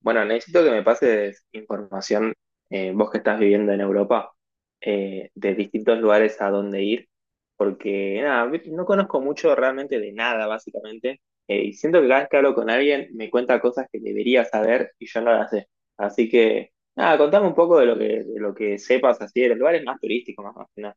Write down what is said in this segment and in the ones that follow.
Bueno, necesito que me pases información, vos que estás viviendo en Europa, de distintos lugares a dónde ir, porque nada, no conozco mucho realmente de nada, básicamente, y siento que cada vez que hablo con alguien me cuenta cosas que debería saber y yo no las sé. Así que, nada, contame un poco de lo que sepas así, de los lugares más turísticos, más, o menos.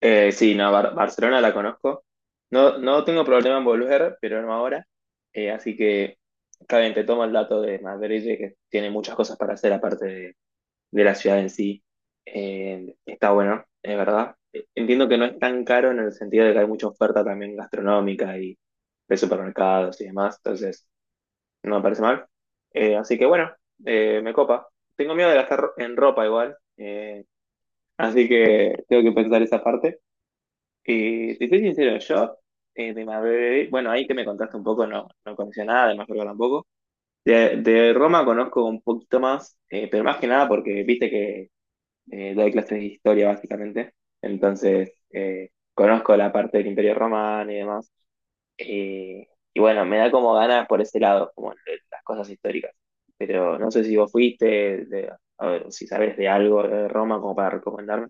Sí, no, Barcelona la conozco. No, no tengo problema en volver, pero no ahora. Así que, está bien, te tomo el dato de Madrid, de que tiene muchas cosas para hacer aparte de la ciudad en sí. Está bueno, es verdad. Entiendo que no es tan caro en el sentido de que hay mucha oferta también gastronómica y de supermercados y demás, entonces no me parece mal. Así que bueno, me copa. Tengo miedo de gastar en ropa igual, así que tengo que pensar esa parte. Te soy sincero, yo de Marbella, bueno, ahí que me contaste un poco, no, no conocía nada, de Mallorca tampoco. De Roma conozco un poquito más, pero más que nada porque viste que doy clases de historia básicamente, entonces conozco la parte del Imperio Romano y demás. Eh, y bueno, me da como ganas por ese lado, como de las cosas históricas. Pero no sé si vos fuiste, a ver, si sabes de algo de Roma como para recomendarme.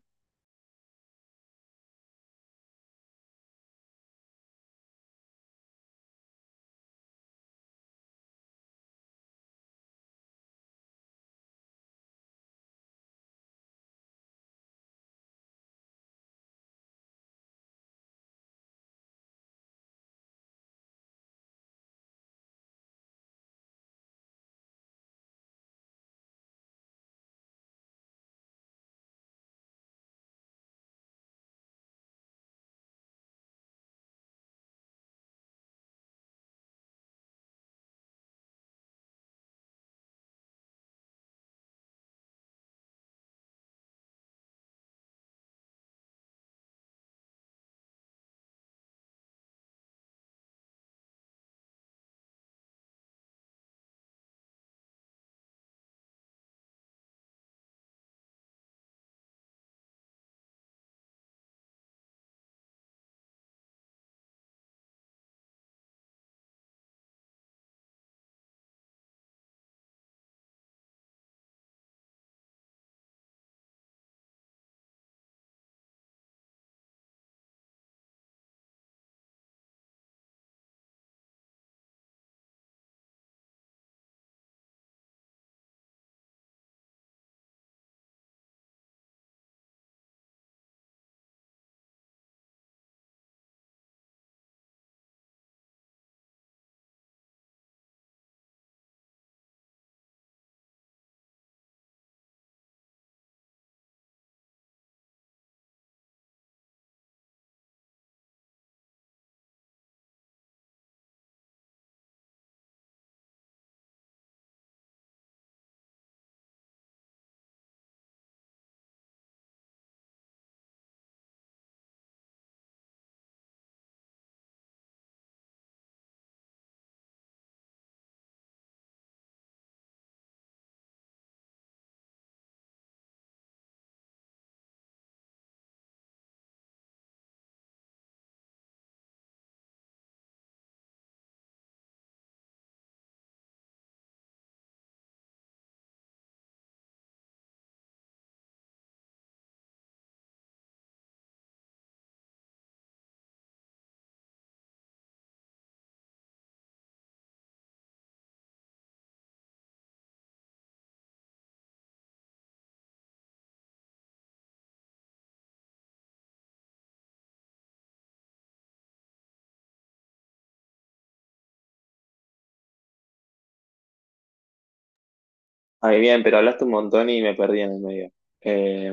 Ah, bien, pero hablaste un montón y me perdí en el medio. Eh,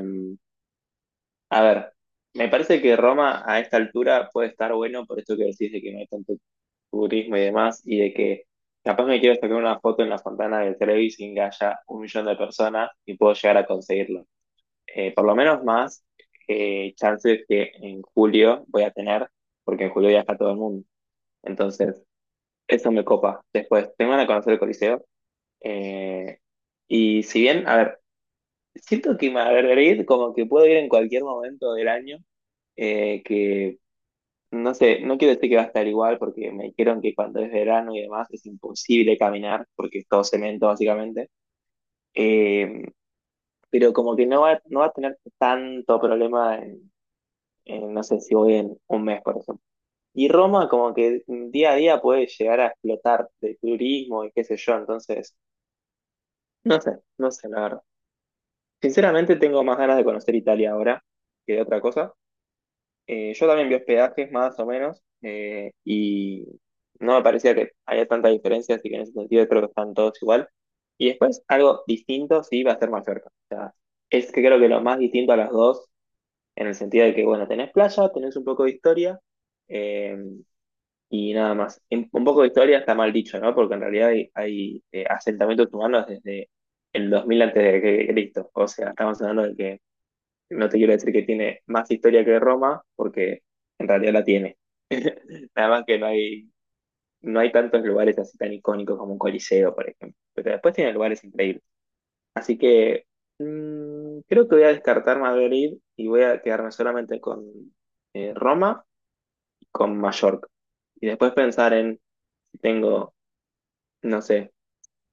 A ver, me parece que Roma a esta altura puede estar bueno por esto que decís de que no hay tanto turismo y demás, y de que capaz me quiero sacar una foto en la fontana del Trevi sin que haya un millón de personas y puedo llegar a conseguirlo. Por lo menos más chances que en julio voy a tener, porque en julio viaja todo el mundo. Entonces, eso me copa. Después, tengo ganas de conocer el Coliseo. eh, y si bien, a ver, siento que Madrid como que puedo ir en cualquier momento del año que no sé, no quiero decir que va a estar igual porque me dijeron que cuando es verano y demás es imposible caminar porque es todo cemento básicamente. Eh, pero como que no va a tener tanto problema en, no sé si voy en un mes, por ejemplo. Y Roma como que día a día puede llegar a explotar de turismo y qué sé yo, entonces no sé, no sé la verdad. Sinceramente tengo más ganas de conocer Italia ahora que de otra cosa. Yo también vi hospedajes más o menos y no me parecía que haya tanta diferencia, así que en ese sentido creo que están todos igual. Y después algo distinto sí va a ser Mallorca. O sea, es que creo que lo más distinto a las dos, en el sentido de que, bueno, tenés playa, tenés un poco de historia eh, y nada más. Un poco de historia está mal dicho, ¿no? Porque en realidad hay asentamientos humanos desde el 2000 antes de Cristo. O sea, estamos hablando de que no te quiero decir que tiene más historia que Roma, porque en realidad la tiene. Nada más que no hay, no hay tantos lugares así tan icónicos como un coliseo, por ejemplo. Pero después tiene lugares increíbles. Así que creo que voy a descartar Madrid y voy a quedarme solamente con Roma y con Mallorca. Y después pensar en si tengo, no sé.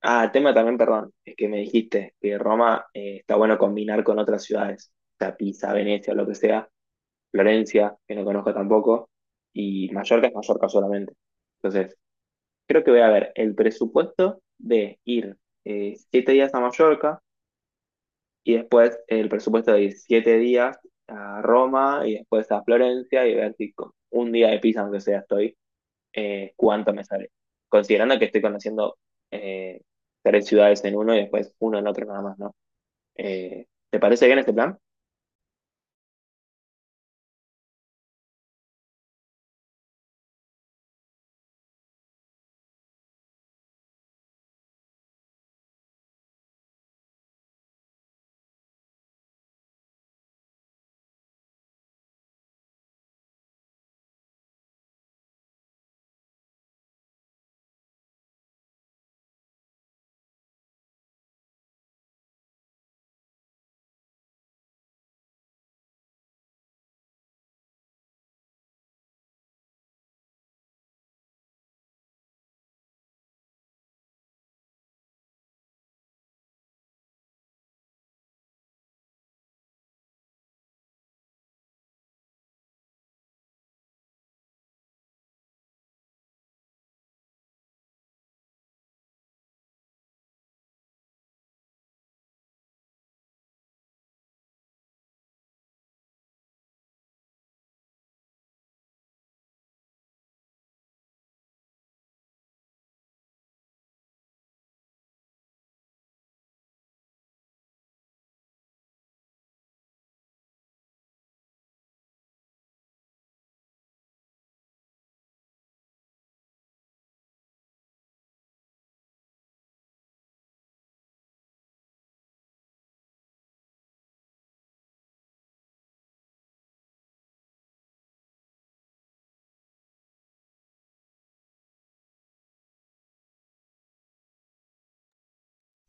Ah, el tema también, perdón, es que me dijiste que Roma está bueno combinar con otras ciudades, o sea, Pisa, Venecia, lo que sea Florencia, que no conozco tampoco, y Mallorca es Mallorca solamente. Entonces, creo que voy a ver el presupuesto de ir 7 días a Mallorca y después el presupuesto de ir 7 días a Roma y después a Florencia y ver si con un día de Pisa, aunque sea estoy, cuánto me sale. Considerando que estoy conociendo eh, tres ciudades en uno y después uno en otro nada más, ¿no? ¿Te parece bien este plan?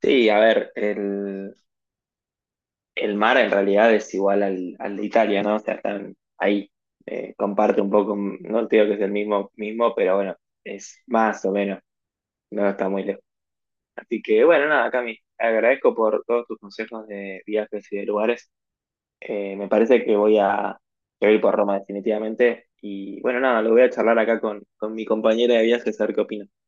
Sí, a ver, el mar en realidad es igual al, al de Italia, ¿no? O sea, están ahí, comparte un poco, no te digo que es el mismo, mismo, pero bueno, es más o menos, no está muy lejos. Así que bueno, nada, Cami, agradezco por todos tus consejos de viajes y de lugares. Me parece que que voy a ir por Roma definitivamente. Y bueno, nada, lo voy a charlar acá con mi compañera de viajes a ver qué opina.